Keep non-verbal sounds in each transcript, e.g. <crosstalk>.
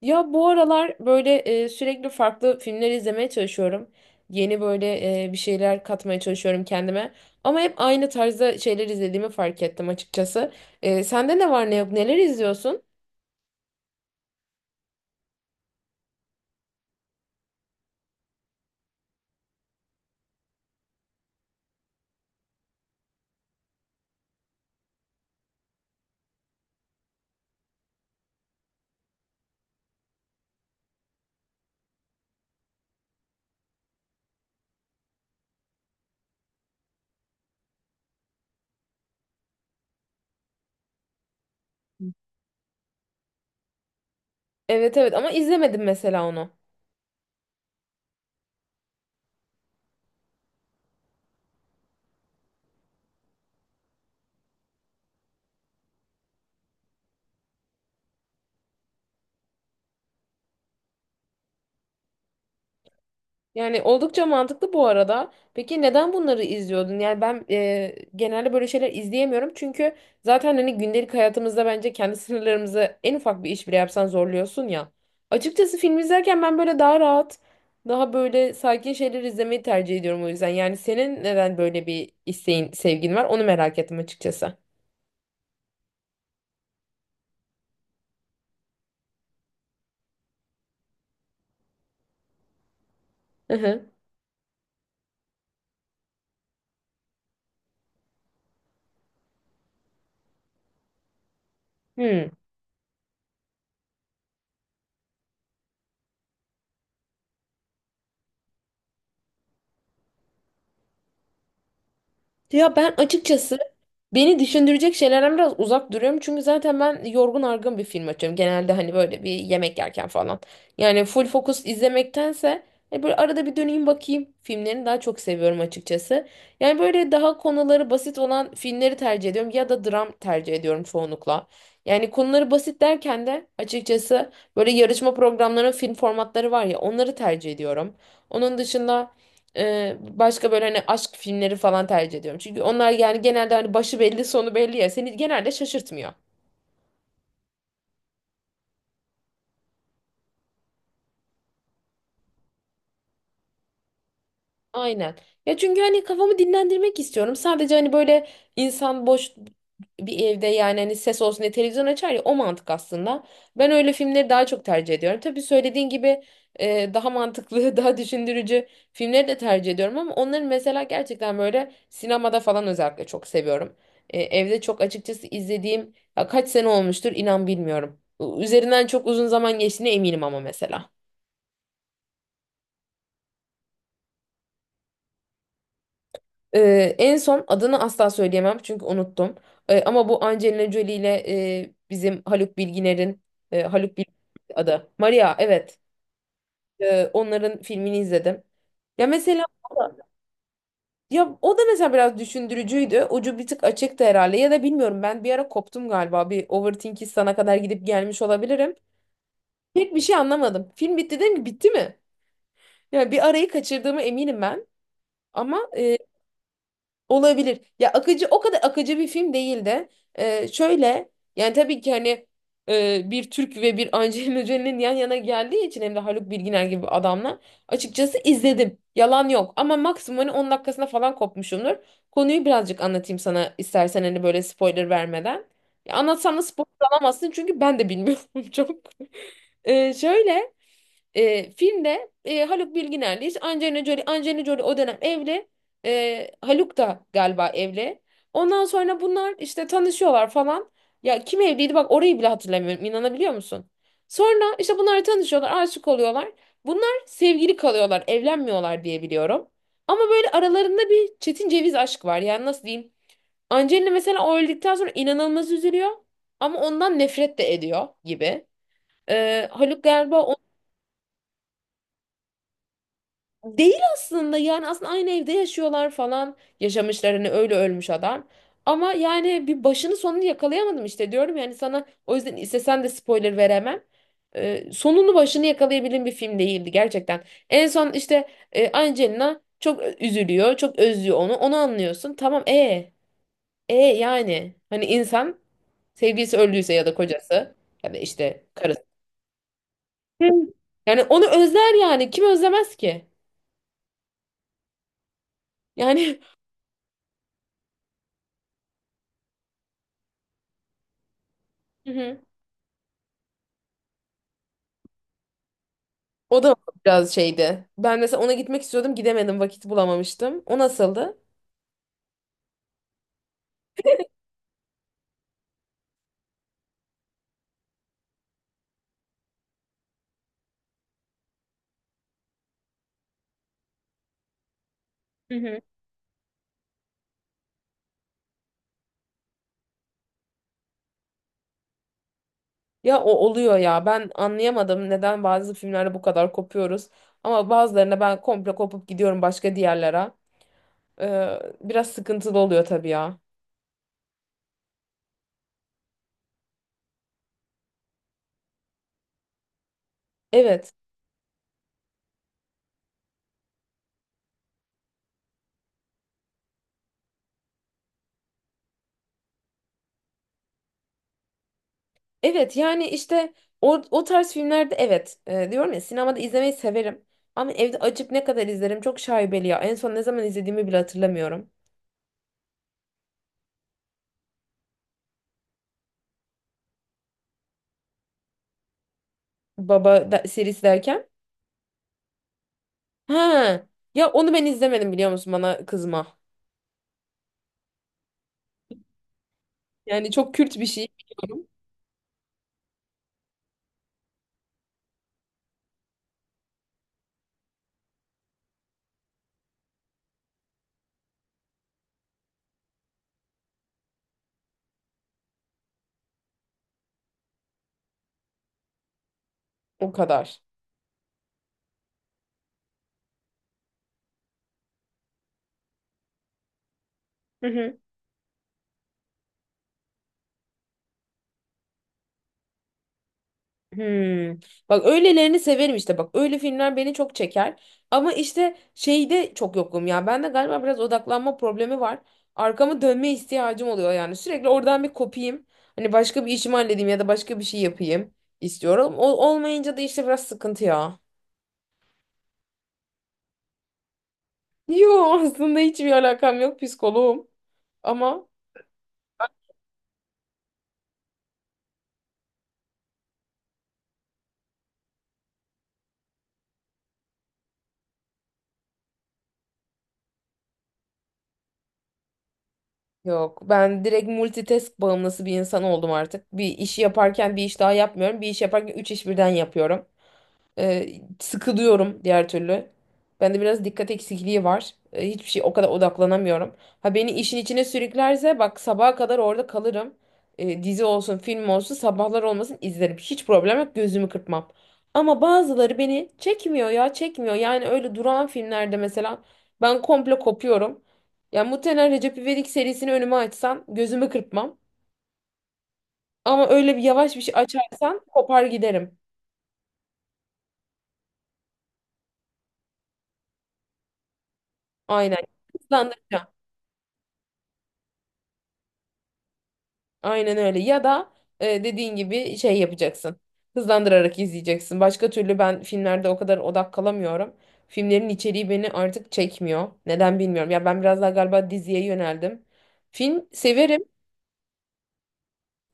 Ya bu aralar böyle sürekli farklı filmler izlemeye çalışıyorum. Yeni böyle bir şeyler katmaya çalışıyorum kendime. Ama hep aynı tarzda şeyler izlediğimi fark ettim açıkçası. Sende ne var ne yok neler izliyorsun? Evet evet, ama izlemedim mesela onu. Yani oldukça mantıklı bu arada. Peki neden bunları izliyordun? Yani ben genelde böyle şeyler izleyemiyorum. Çünkü zaten hani gündelik hayatımızda bence kendi sınırlarımızı en ufak bir iş bile yapsan zorluyorsun ya. Açıkçası film izlerken ben böyle daha rahat, daha böyle sakin şeyler izlemeyi tercih ediyorum o yüzden. Yani senin neden böyle bir isteğin, sevgin var? Onu merak ettim açıkçası. Hı hı. Hmm. Ya ben açıkçası beni düşündürecek şeylerden biraz uzak duruyorum. Çünkü zaten ben yorgun argın bir film açıyorum. Genelde hani böyle bir yemek yerken falan. Yani full fokus izlemektense hani böyle arada bir döneyim bakayım filmlerini daha çok seviyorum açıkçası. Yani böyle daha konuları basit olan filmleri tercih ediyorum ya da dram tercih ediyorum çoğunlukla. Yani konuları basit derken de açıkçası böyle yarışma programlarının film formatları var ya onları tercih ediyorum. Onun dışında başka böyle hani aşk filmleri falan tercih ediyorum. Çünkü onlar yani genelde hani başı belli sonu belli ya. Seni genelde şaşırtmıyor. Aynen. Ya çünkü hani kafamı dinlendirmek istiyorum. Sadece hani böyle insan boş bir evde yani hani ses olsun diye televizyon açar ya, o mantık aslında. Ben öyle filmleri daha çok tercih ediyorum. Tabii söylediğin gibi daha mantıklı, <laughs> daha düşündürücü filmleri de tercih ediyorum ama onların mesela gerçekten böyle sinemada falan özellikle çok seviyorum. Evde çok açıkçası izlediğim ya kaç sene olmuştur inan bilmiyorum. Üzerinden çok uzun zaman geçtiğine eminim ama mesela. En son adını asla söyleyemem çünkü unuttum. Ama bu Angelina Jolie ile bizim Haluk Bilginer'in e, Haluk Bilginer adı. Maria evet. Onların filmini izledim. Ya mesela o da, ya o da mesela biraz düşündürücüydü. Ucu bir tık açıktı herhalde ya da bilmiyorum, ben bir ara koptum galiba. Bir overthinkistan'a kadar gidip gelmiş olabilirim. Pek bir şey anlamadım. Film bitti dedim ki bitti mi? Ya bir arayı kaçırdığımı eminim ben. Ama e, Olabilir. Ya akıcı, o kadar akıcı bir film değil de şöyle, yani tabii ki hani bir Türk ve bir Angelina Jolie'nin yan yana geldiği için hem de Haluk Bilginer gibi adamla açıkçası izledim. Yalan yok ama maksimum hani 10 dakikasına falan kopmuşumdur. Konuyu birazcık anlatayım sana istersen hani böyle spoiler vermeden. Ya anlatsam da spoiler alamazsın çünkü ben de bilmiyorum <laughs> çok. E, şöyle Filmde Haluk Bilginer'le Angelina Jolie, Angelina Jolie o dönem evli. Haluk da galiba evli. Ondan sonra bunlar işte tanışıyorlar falan. Ya kim evliydi, bak orayı bile hatırlamıyorum, inanabiliyor musun? Sonra işte bunlar tanışıyorlar, aşık oluyorlar. Bunlar sevgili kalıyorlar, evlenmiyorlar diye biliyorum. Ama böyle aralarında bir çetin ceviz aşk var. Yani nasıl diyeyim? Angelina mesela o öldükten sonra inanılmaz üzülüyor. Ama ondan nefret de ediyor gibi. Haluk galiba değil aslında, yani aslında aynı evde yaşıyorlar falan, yaşamışlar hani, öyle ölmüş adam. Ama yani bir başını sonunu yakalayamadım işte, diyorum yani sana, o yüzden istesen de spoiler veremem. Sonunu başını yakalayabildiğim bir film değildi gerçekten. En son işte Angelina çok üzülüyor, çok özlüyor onu anlıyorsun tamam, yani hani insan sevgilisi öldüyse ya da kocası ya da işte karısı. Hı. Yani onu özler, yani kim özlemez ki? Yani. <laughs> O da biraz şeydi. Ben mesela ona gitmek istiyordum, gidemedim, vakit bulamamıştım. O nasıldı? Hı hı. Ya o oluyor ya. Ben anlayamadım neden bazı filmlerde bu kadar kopuyoruz. Ama bazılarına ben komple kopup gidiyorum başka diğerlere. Biraz sıkıntılı oluyor tabii ya. Evet. Evet, yani işte o tarz filmlerde evet. Diyorum ya, sinemada izlemeyi severim. Ama evde açıp ne kadar izlerim çok şaibeli ya. En son ne zaman izlediğimi bile hatırlamıyorum. Baba da, serisi derken. He. Ya onu ben izlemedim, biliyor musun, bana kızma. Yani çok Kürt bir şey biliyorum. O kadar. Hı hı. Hmm. Bak öylelerini severim işte, bak öyle filmler beni çok çeker, ama işte şeyde çok yokum ya, bende galiba biraz odaklanma problemi var, arkamı dönme ihtiyacım oluyor yani, sürekli oradan bir kopayım hani, başka bir işimi halledeyim ya da başka bir şey yapayım istiyorum, o olmayınca da işte biraz sıkıntı ya. <laughs> Yo, aslında hiçbir alakam yok, psikoloğum ama Yok, ben direkt multitask bağımlısı bir insan oldum artık. Bir işi yaparken bir iş daha yapmıyorum. Bir iş yaparken 3 iş birden yapıyorum. E, Sıkılıyorum diğer türlü. Bende biraz dikkat eksikliği var. Hiçbir şey, o kadar odaklanamıyorum. Ha, beni işin içine sürüklerse bak sabaha kadar orada kalırım. Dizi olsun, film olsun, sabahlar olmasın izlerim. Hiç problem yok, gözümü kırpmam. Ama bazıları beni çekmiyor ya, çekmiyor. Yani öyle duran filmlerde mesela ben komple kopuyorum. Yani muhtemelen Recep İvedik serisini önüme açsan gözümü kırpmam. Ama öyle bir yavaş bir şey açarsan kopar giderim. Aynen. Hızlandıracağım. Aynen öyle. Ya da dediğin gibi şey yapacaksın. Hızlandırarak izleyeceksin. Başka türlü ben filmlerde o kadar odak kalamıyorum. Filmlerin içeriği beni artık çekmiyor. Neden bilmiyorum. Ya ben biraz daha galiba diziye yöneldim. Film severim.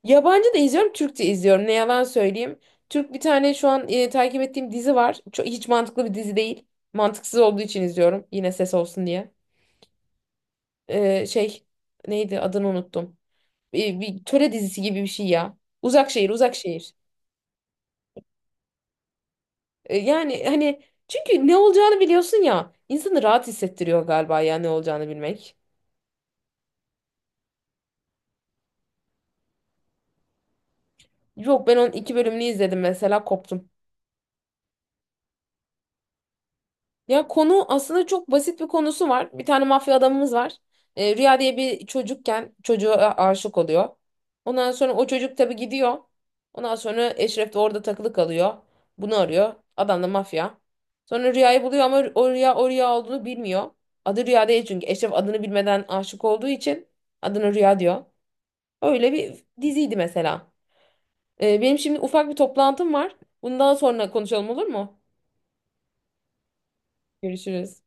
Yabancı da izliyorum, Türkçe izliyorum. Ne yalan söyleyeyim. Türk bir tane şu an takip ettiğim dizi var. Çok, hiç mantıklı bir dizi değil. Mantıksız olduğu için izliyorum. Yine ses olsun diye. Şey, neydi adını unuttum. Bir töre dizisi gibi bir şey ya. Uzak Şehir, Uzak Şehir. Yani hani çünkü ne olacağını biliyorsun ya, insanı rahat hissettiriyor galiba ya, ne olacağını bilmek. Yok, ben onun 2 bölümünü izledim mesela, koptum. Ya konu aslında çok basit, bir konusu var. Bir tane mafya adamımız var. Rüya diye bir çocukken çocuğa aşık oluyor. Ondan sonra o çocuk tabii gidiyor. Ondan sonra Eşref de orada takılı kalıyor. Bunu arıyor. Adam da mafya. Sonra Rüya'yı buluyor ama o Rüya, o Rüya olduğunu bilmiyor. Adı Rüya değil çünkü, Eşref adını bilmeden aşık olduğu için adını Rüya diyor. Öyle bir diziydi mesela. Benim şimdi ufak bir toplantım var. Bundan sonra konuşalım, olur mu? Görüşürüz.